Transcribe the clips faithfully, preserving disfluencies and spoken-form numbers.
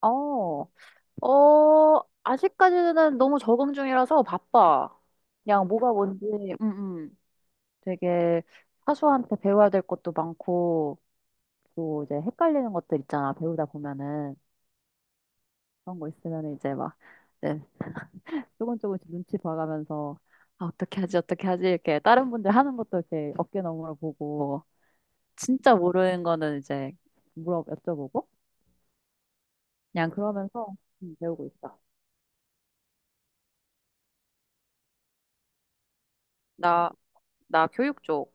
어, 어, 아직까지는 너무 적응 중이라서 바빠. 그냥 뭐가 뭔지, 음, 음. 되게 사수한테 배워야 될 것도 많고, 또 이제 헷갈리는 것들 있잖아. 배우다 보면은. 그런 거 있으면 이제 막, 네, 조금 조금씩 눈치 봐가면서, 아, 어떻게 하지, 어떻게 하지, 이렇게 다른 분들 하는 것도 이렇게 어깨 너머로 보고, 진짜 모르는 거는 이제 물어 여쭤보고, 그냥 그러면서 음, 배우고 있어. 나, 나 교육 쪽.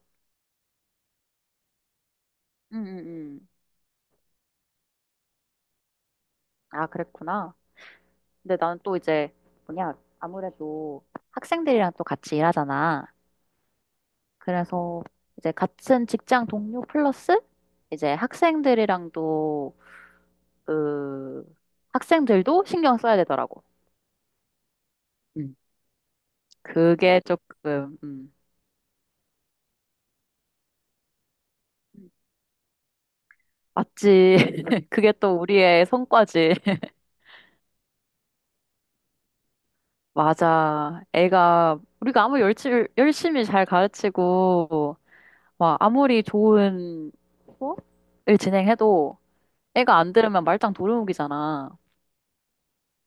응, 응, 응. 아, 그랬구나. 근데 나는 또 이제, 뭐냐, 아무래도 학생들이랑 또 같이 일하잖아. 그래서 이제 같은 직장 동료 플러스 이제 학생들이랑도, 그, 학생들도 신경 써야 되더라고. 음, 그게 조금, 음, 맞지. 그게 또 우리의 성과지. 맞아. 애가, 우리가 아무리 열심히, 열심히 잘 가르치고, 막 아무리 좋은 수업을 진행해도, 애가 안 들으면 말짱 도루묵이잖아.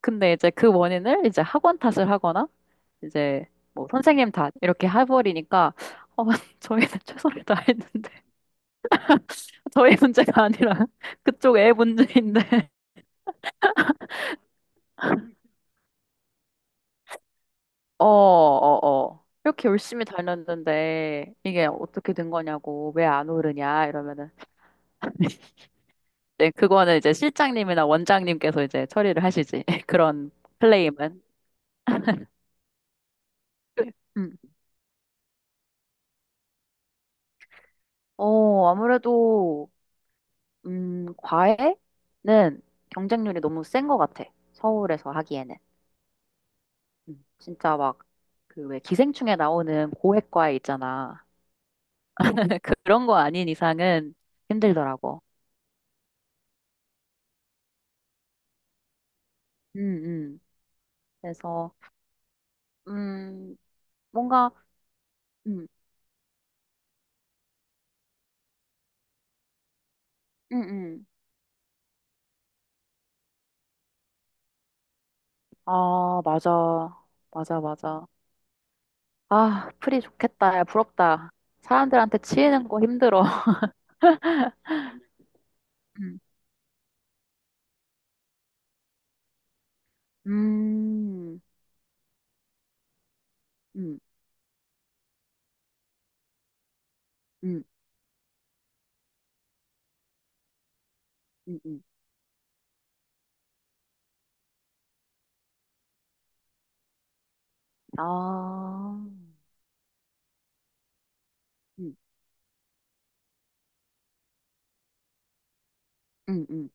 근데 이제 그 원인을 이제 학원 탓을 하거나 이제 뭐 선생님 탓 이렇게 해버리니까 어, 저희는 최선을 다했는데 저희 문제가 아니라 그쪽 애 문제인데 어, 어, 어. 이렇게 열심히 다녔는데 이게 어떻게 된 거냐고 왜 안 오르냐 이러면은 네, 그거는 이제 실장님이나 원장님께서 이제 처리를 하시지 그런 클레임은. 음. 어, 아무래도 음, 과외는 경쟁률이 너무 센 것 같아. 서울에서 하기에는. 음, 진짜 막, 그 왜 기생충에 나오는 고액 과외 있잖아. 그런 거 아닌 이상은 힘들더라고. 음, 음. 그래서, 음, 뭔가, 음, 음, 음. 아, 맞아. 맞아, 맞아. 아, 프리 좋겠다. 야, 부럽다. 사람들한테 치이는 거 힘들어. 음, 음, 음, 음, 음. 음. 아. 음. 음, 음.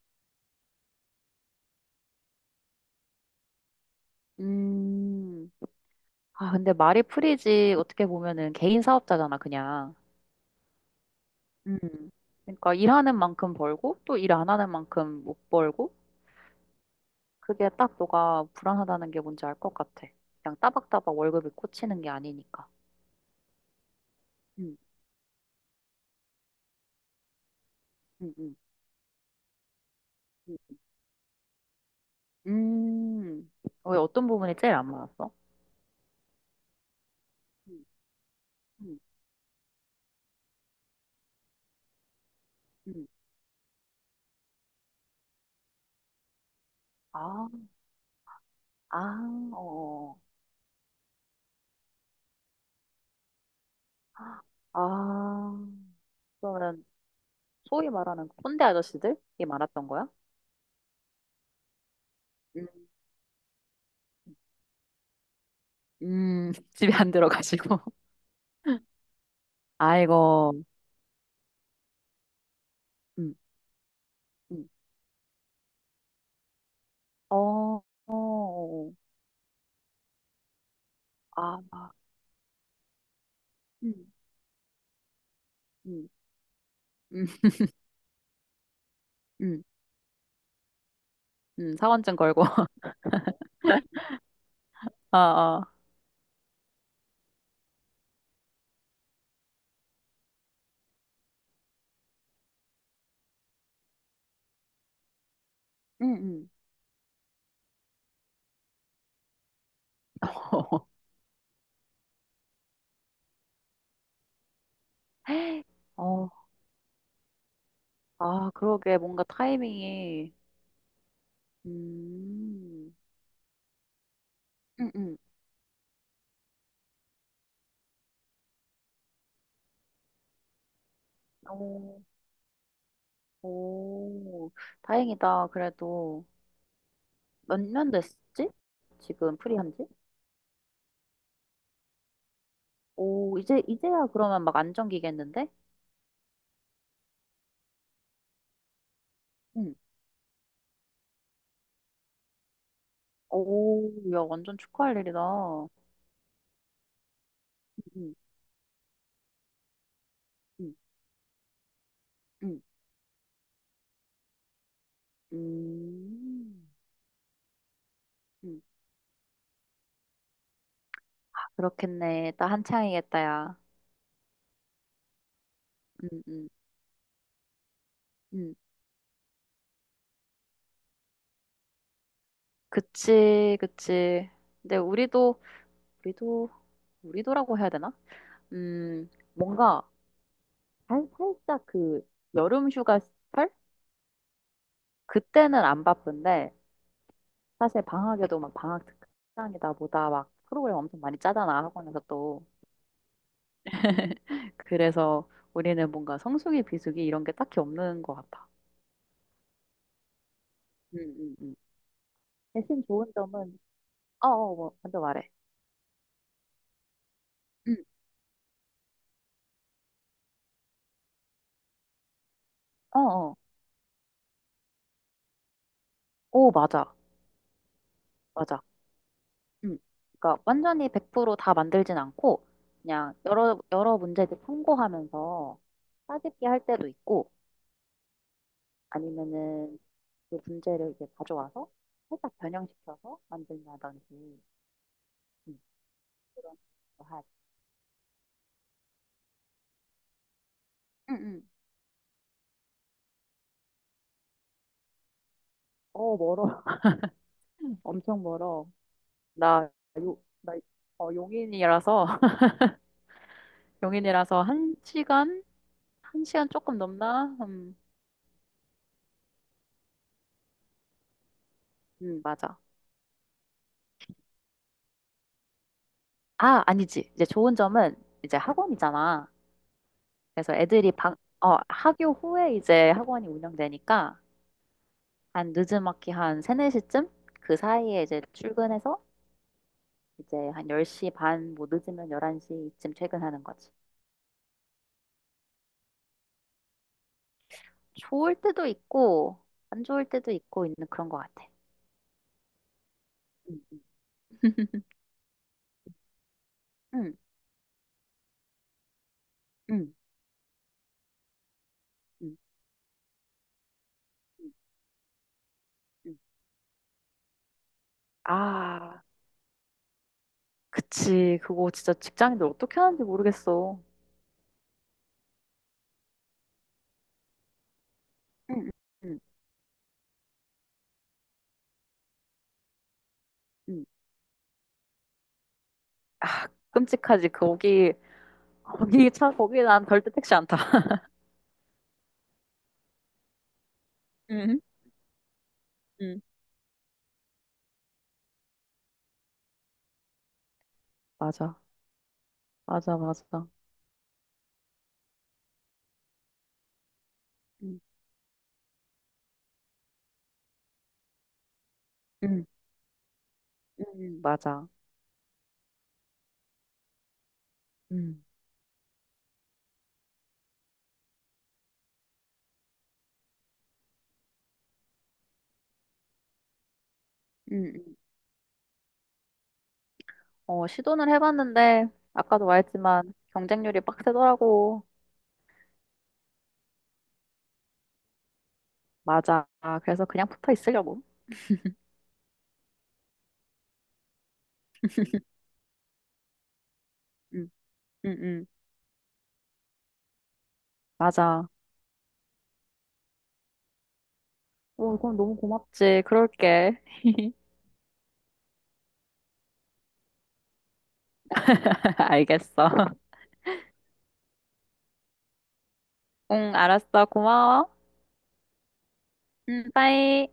음. 아, 근데 말이 프리지 어떻게 보면은 개인 사업자잖아, 그냥. 음, 그러니까 일하는 만큼 벌고 또 일 안 하는 만큼 못 벌고 그게 딱 너가 불안하다는 게 뭔지 알 것 같아. 그냥 따박따박 월급이 꽂히는 게 아니니까. 음, 음, 음, 음, 음. 왜 어떤 부분이 제일 안 맞았어? 음, 음, 음. 아, 아, 어. 아, 그러면 소위 말하는 꼰대 아저씨들이 많았던 거야? 음. 음, 집에 안 들어가시고. 아이고, 음, 음, 어, 어, 아, 아, 음, 음, 음, 음, 음, 사원증 걸고. 아, 아. 응, 응. 어, 아, 그러게, 뭔가 타이밍이, 음, 음, 음. 오, 오, 다행이다. 그래도 몇 년 됐지? 지금 프리한 지? 오, 이제, 이제야 그러면 막 안정기겠는데? 오, 야, 완전 축하할 일이다. 음, 음, 음, 음, 음. 아, 그렇겠네. 나 한창이겠다, 야. 음, 음, 음. 그치, 그치. 근데 우리도, 우리도, 우리도라고 해야 되나? 음, 뭔가, 살- 살짝 그, 여름 휴가철? 그때는 안 바쁜데, 사실 방학에도 막 방학 특강이다 보다 막 프로그램 엄청 많이 짜잖아, 학원에서 또. 그래서 우리는 뭔가 성수기, 비수기 이런 게 딱히 없는 것 같아. 응, 응, 응. 대신 좋은 점은, 어, 어, 뭐, 먼저 말해. 응, 어, 어. 오, 맞아. 맞아. 응. 그러니까 완전히 백 프로다 만들진 않고 그냥 여러 여러 문제들 참고하면서 따집기 할 때도 있고 아니면은 그 문제를 이제 가져와서 살짝 변형시켜서 만든다든지 응, 그런 식으로 하지. 응, 응. 어, 멀어. 엄청 멀어. 나, 요, 나, 어, 용인이라서, 용인이라서 한 시간? 한 시간 조금 넘나? 음, 음, 맞아. 아, 아니지. 이제 좋은 점은 이제 학원이잖아. 그래서 애들이 방, 어, 학교 후에 이제 학원이 운영되니까 한 늦음막히 한 세네 시쯤그 사이에 이제 출근해서 이제 한 열 시 반, 뭐 늦으면 열한 시쯤 퇴근하는 거지. 좋을 때도 있고, 안 좋을 때도 있고 있는 그런 것 같아. 응, 응, 응, 응, 응. 아, 그치. 그거 진짜 직장인들 어떻게 하는지 모르겠어. 응, 응, 응, 아, 끔찍하지. 거기, 거기 차, 거기 난 절대 택시 안 타. 응, 응, 맞아. 맞아, 맞아. 응, 응, 응, 맞아. 응 응, 응. 어, 시도는 해봤는데, 아까도 말했지만, 경쟁률이 빡세더라고. 맞아. 아, 그래서 그냥 붙어 있으려고. 응, 응, 응. 맞아. 어, 그럼 너무 고맙지. 그럴게. 알겠어. 응, 알았어. 고마워. 응, 빠이.